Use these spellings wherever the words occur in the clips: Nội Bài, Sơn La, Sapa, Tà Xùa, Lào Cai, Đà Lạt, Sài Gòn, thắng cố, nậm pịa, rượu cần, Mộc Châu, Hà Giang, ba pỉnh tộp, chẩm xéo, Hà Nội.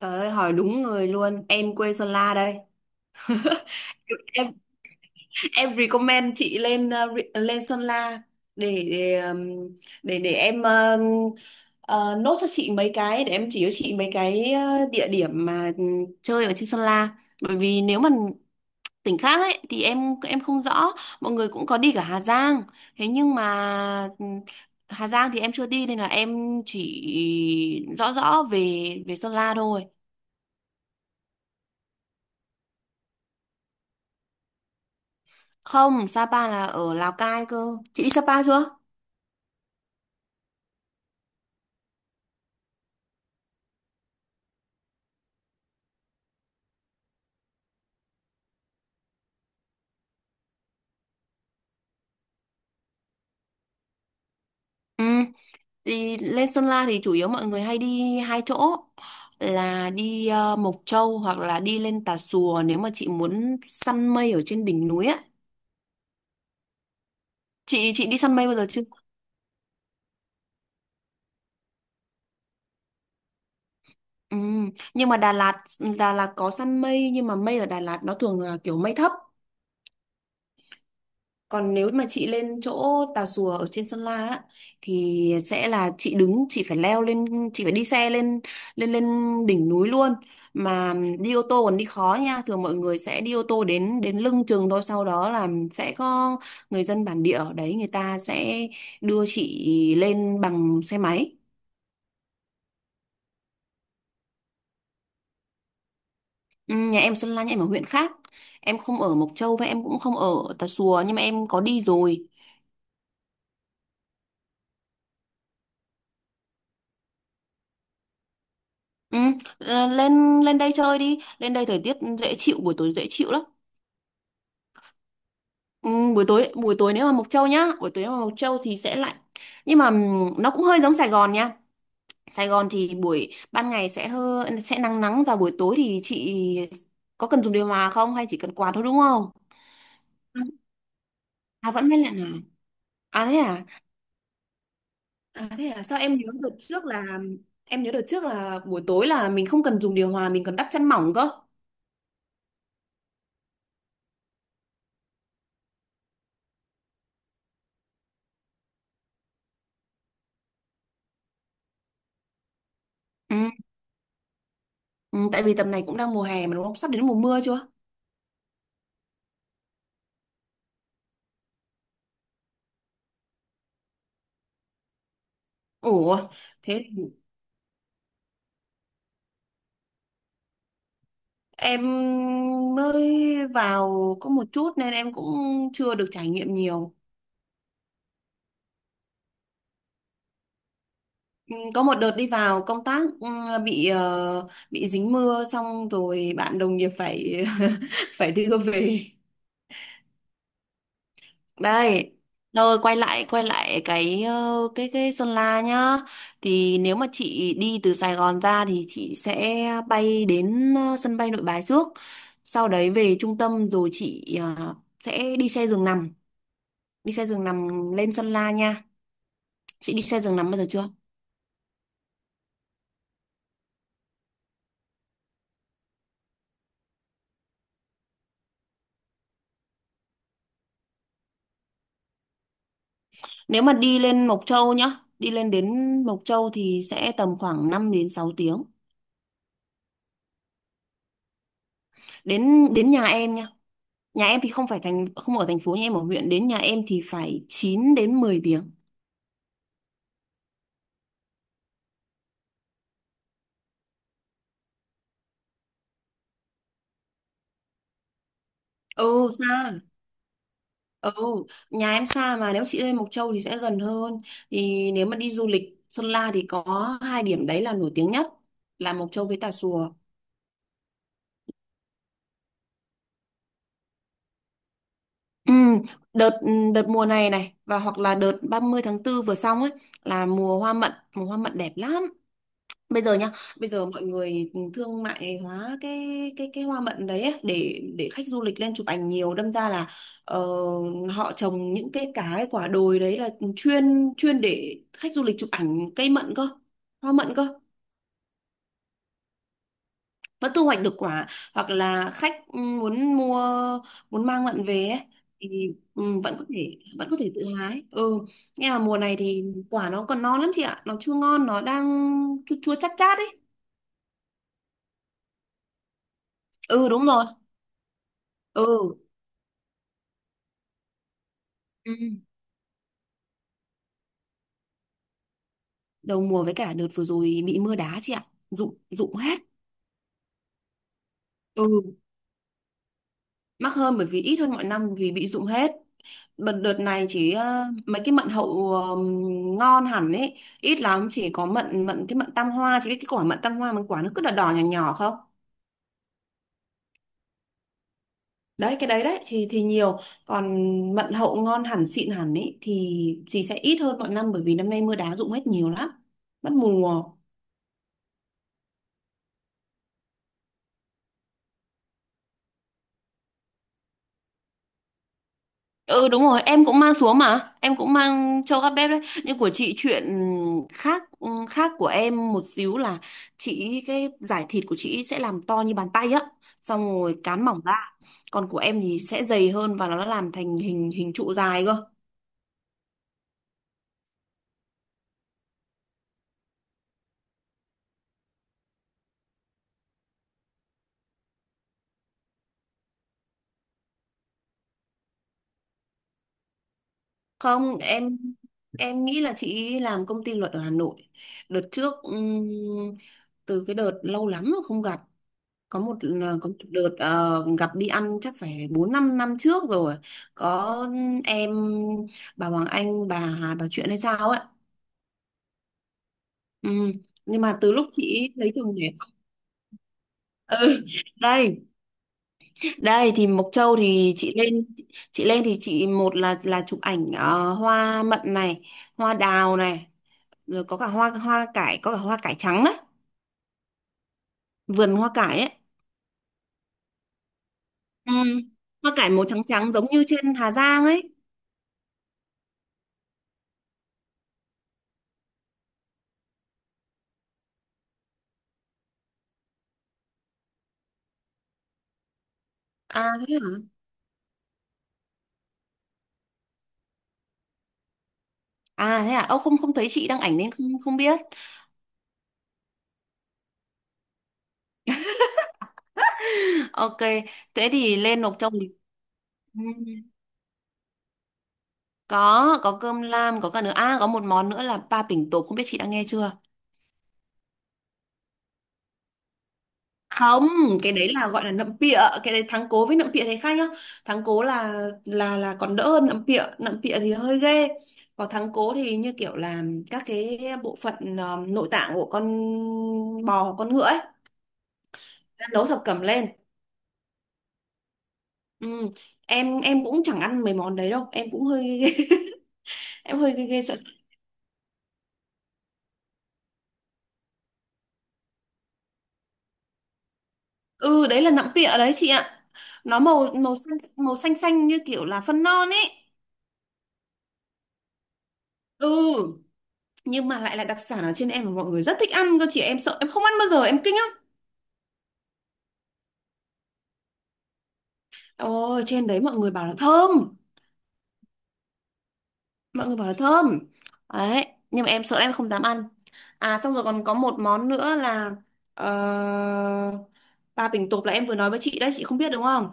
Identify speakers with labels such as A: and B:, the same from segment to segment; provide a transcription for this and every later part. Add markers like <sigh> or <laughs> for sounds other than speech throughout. A: Trời ơi, hỏi đúng người luôn. Em quê Sơn La đây. Em em recommend chị lên lên Sơn La để để ừm, để em ờ, ờ, nốt cho chị mấy cái để em chỉ cho chị mấy cái địa điểm mà chơi ở trên Sơn La. Bởi vì nếu mà tỉnh khác ấy thì em không rõ. Mọi người cũng có đi cả Hà Giang. Thế nhưng mà Hà Giang thì em chưa đi nên là em chỉ rõ rõ về về Sơn La thôi. Không, Sapa là ở Lào Cai cơ. Chị đi Sapa chưa? Ừ, thì lên Sơn La thì chủ yếu mọi người hay đi hai chỗ là đi Mộc Châu hoặc là đi lên Tà Xùa nếu mà chị muốn săn mây ở trên đỉnh núi á. Chị đi săn mây bao giờ chưa? Ừ, nhưng mà Đà Lạt có săn mây nhưng mà mây ở Đà Lạt nó thường là kiểu mây thấp. Còn nếu mà chị lên chỗ Tà Xùa ở trên Sơn La á, thì sẽ là chị đứng, chị phải leo lên, chị phải đi xe lên lên lên đỉnh núi luôn. Mà đi ô tô còn đi khó nha, thường mọi người sẽ đi ô tô đến đến lưng chừng thôi, sau đó là sẽ có người dân bản địa ở đấy, người ta sẽ đưa chị lên bằng xe máy. Ừ, nhà em Sơn La, nhà em ở huyện khác. Em không ở Mộc Châu và em cũng không ở Tà Xùa nhưng mà em có đi rồi. Ừ, lên lên đây chơi đi, lên đây thời tiết dễ chịu, buổi tối dễ chịu lắm. Ừ, buổi tối nếu mà Mộc Châu nhá, buổi tối nếu mà Mộc Châu thì sẽ lạnh. Nhưng mà nó cũng hơi giống Sài Gòn nha. Sài Gòn thì buổi ban ngày sẽ nắng nắng và buổi tối thì chị có cần dùng điều hòa không hay chỉ cần quạt thôi đúng không? À vẫn mát lạnh à? À thế à? À thế à? Sao em nhớ đợt trước là buổi tối là mình không cần dùng điều hòa, mình còn đắp chăn mỏng cơ. Ừ, tại vì tầm này cũng đang mùa hè mà đúng không? Sắp đến mùa mưa chưa? Ủa, thế em mới vào có một chút nên em cũng chưa được trải nghiệm nhiều. Ừ, có một đợt đi vào công tác bị dính mưa xong rồi bạn đồng nghiệp phải <laughs> phải đưa về. Đây, rồi quay lại cái ờ, cái Sơn La nhá. Thì nếu mà chị đi từ Sài Gòn ra thì chị sẽ bay đến sân bay Nội Bài trước. Sau đấy về trung tâm rồi chị sẽ đi xe giường nằm lên Sơn La nha. Chị đi xe giường nằm bao giờ chưa? Nếu mà đi lên Mộc Châu nhá, đi lên đến Mộc Châu thì sẽ tầm khoảng 5 đến 6 tiếng. Đến đến nhà em nha. Nhà em thì không phải không ở thành phố, nhà em ở huyện, đến nhà em thì phải 9 đến 10 tiếng. Ừ, xa. Ừ, nhà em xa mà nếu chị lên Mộc Châu thì sẽ gần hơn. Thì nếu mà đi du lịch Sơn La thì có hai điểm đấy là nổi tiếng nhất là Mộc Châu với Tà Xùa. Ừ, đợt đợt mùa này này và hoặc là đợt ba mươi tháng 4 vừa xong ấy là mùa hoa mận. Mùa hoa mận đẹp lắm. Bây giờ nhá, bây giờ mọi người thương mại hóa cái hoa mận đấy ấy, để khách du lịch lên chụp ảnh nhiều đâm ra là ờ, họ trồng những cái quả đồi đấy là chuyên chuyên để khách du lịch chụp ảnh cây mận cơ, hoa mận cơ. Vẫn thu hoạch được quả, hoặc là khách muốn mua, muốn mang mận về ấy, thì vẫn có thể tự hái. Ừ. Nghe là mùa này thì quả nó còn non lắm chị ạ, nó chưa ngon, nó đang chua chua chát chát ấy. Ừ, đúng rồi. Ừ. Ừ. Đầu mùa với cả đợt vừa rồi bị mưa đá chị ạ, rụng rụng hết. Ừ, mắc hơn bởi vì ít hơn mọi năm vì bị rụng hết. Đợt đợt này chỉ mấy cái mận hậu ngon hẳn ấy ít lắm. Chỉ có mận mận cái mận tam hoa, chị biết cái quả mận tam hoa mình quả nó cứ đỏ đỏ nhỏ nhỏ không? Đấy cái đấy đấy thì nhiều. Còn mận hậu ngon hẳn xịn hẳn ấy thì sẽ ít hơn mọi năm bởi vì năm nay mưa đá rụng hết nhiều lắm, mất mùa. Ừ, đúng rồi, em cũng mang xuống mà, em cũng mang cho các bếp đấy. Nhưng của chị chuyện khác khác của em một xíu là chị, cái giải thịt của chị sẽ làm to như bàn tay á, xong rồi cán mỏng ra. Còn của em thì sẽ dày hơn và nó làm thành hình hình trụ dài cơ. Không, em nghĩ là chị làm công ty luật ở Hà Nội. Đợt trước từ cái đợt lâu lắm rồi không gặp, có một có một đợt gặp đi ăn chắc phải 4-5 năm trước rồi, có em bà Hoàng Anh bà hà bà chuyện hay sao ấy. Ừ. Nhưng mà từ lúc chị ấy lấy chồng để. Ừ. đây đây thì Mộc Châu thì chị lên thì chị, một là chụp ảnh hoa mận này, hoa đào này, rồi có cả hoa hoa cải, có cả hoa cải trắng đấy, vườn hoa cải ấy. Ừ. Hoa cải màu trắng trắng giống như trên Hà Giang ấy. À thế hả? À thế à? Ơ, không không thấy chị đăng ảnh nên không không biết. <laughs> Ok, thế thì lên nộp trong lịch. Ừ. Có cơm lam, có cả nữa. À có một món nữa là ba pỉnh tộp, không biết chị đã nghe chưa? Không, cái đấy là gọi là nậm pịa, cái đấy thắng cố với nậm pịa thấy khác nhá. Thắng cố là còn đỡ hơn nậm pịa thì hơi ghê. Còn thắng cố thì như kiểu là các cái bộ phận nội tạng của con bò, con ngựa ấy, nấu thập cẩm lên. Ừ. Em cũng chẳng ăn mấy món đấy đâu, em cũng hơi <laughs> em hơi ghê ghê sợ. Ừ, đấy là nọng pịa đấy chị ạ, nó màu màu xanh, màu xanh xanh như kiểu là phân non ấy. Ừ, nhưng mà lại là đặc sản ở trên em mà mọi người rất thích ăn cơ chị. Em sợ, em không ăn bao giờ, em kinh lắm. Ôi, trên đấy mọi người bảo là thơm. Mọi người bảo là thơm đấy. Nhưng mà em sợ, em không dám ăn. À, xong rồi còn có một món nữa là ờ, ba bình tộp là em vừa nói với chị đấy, chị không biết đúng không?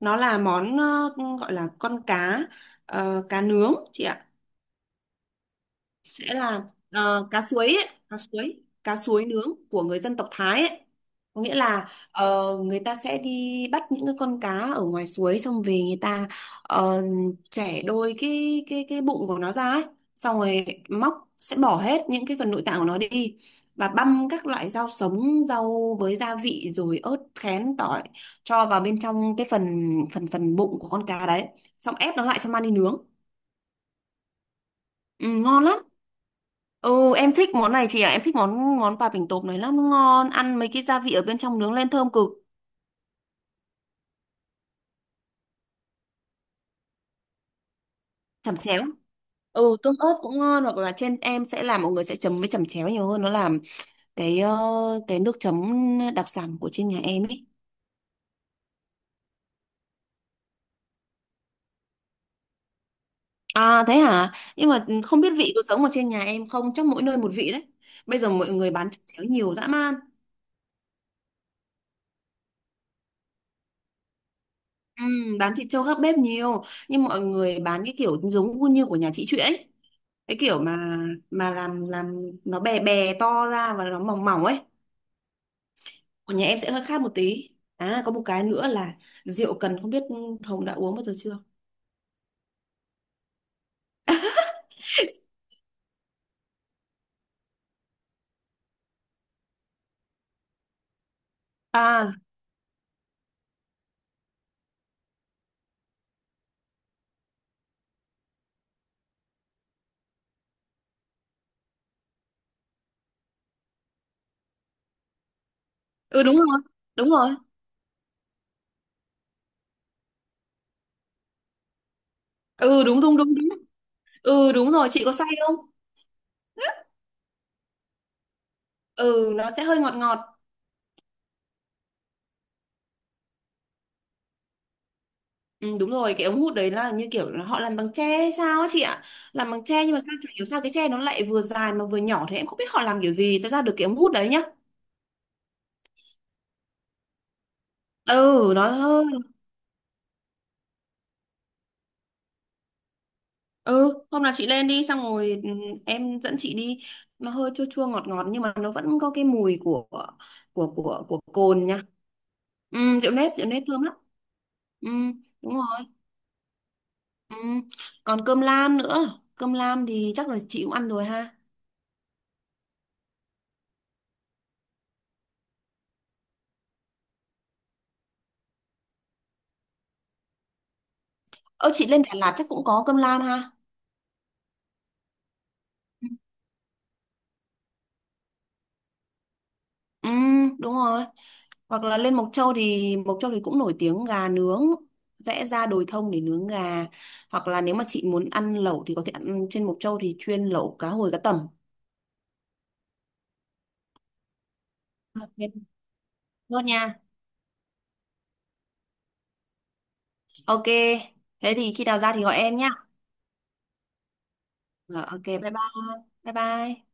A: Nó là món gọi là con cá, cá nướng chị ạ. Sẽ là cá suối ấy, cá suối. Cá suối nướng của người dân tộc Thái ấy. Có nghĩa là người ta sẽ đi bắt những cái con cá ở ngoài suối, xong về người ta ờ, chẻ đôi cái bụng của nó ra ấy, xong rồi móc sẽ bỏ hết những cái phần nội tạng của nó đi, và băm các loại rau sống, rau với gia vị rồi ớt khén tỏi cho vào bên trong cái phần phần phần bụng của con cá đấy, xong ép nó lại cho mang đi nướng. Ừ, ngon lắm. Ừ, em thích món này chị ạ. Em thích món món bà bình tộp này lắm. Nó ngon. Ăn mấy cái gia vị ở bên trong nướng lên thơm cực. Chẩm xéo. Ừ, tôm ớt cũng ngon. Hoặc là trên em sẽ làm, mọi người sẽ chấm với chẩm chéo nhiều hơn. Nó làm cái ờ, cái nước chấm đặc sản của trên nhà em ấy. À thế hả? Nhưng mà không biết vị có giống ở trên nhà em không? Chắc mỗi nơi một vị đấy. Bây giờ mọi người bán chẩm chéo nhiều dã man. Ừ, bán thịt trâu gác bếp nhiều. Nhưng mọi người bán cái kiểu giống như của nhà chị Chuyện ấy. Cái kiểu mà làm nó bè bè to ra và nó mỏng mỏng ấy. Còn nhà em sẽ hơi khác một tí. À có một cái nữa là rượu cần, không biết Hồng đã uống bao giờ chưa? À, ừ, đúng rồi, đúng rồi. Ừ, đúng đúng đúng đúng. Ừ, đúng rồi, chị có say không? Ừ, nó sẽ hơi ngọt ngọt. Ừ, đúng rồi, cái ống hút đấy là như kiểu là họ làm bằng tre hay sao á chị ạ. Làm bằng tre nhưng mà sao chả hiểu sao cái tre nó lại vừa dài mà vừa nhỏ thế, em không biết họ làm kiểu gì nó ra được cái ống hút đấy nhá. Ừ, nó. Ừ, hôm nào chị lên đi xong rồi em dẫn chị đi. Nó hơi chua chua ngọt ngọt nhưng mà nó vẫn có cái mùi của cồn nha. Ừ, rượu nếp thơm lắm. Ừ, đúng rồi. Ừ. Còn cơm lam nữa. Cơm lam thì chắc là chị cũng ăn rồi ha. Ơ chị lên Đà Lạt chắc cũng có cơm lam ha. Ừ, đúng rồi. Hoặc là lên Mộc Châu thì cũng nổi tiếng gà nướng. Rẽ ra đồi thông để nướng gà. Hoặc là nếu mà chị muốn ăn lẩu thì có thể ăn trên Mộc Châu thì chuyên lẩu cá hồi cá tầm. Ok, nốt nha. Ok. Thế thì khi nào ra thì gọi em nhá. Rồi, ok, bye bye. Bye bye.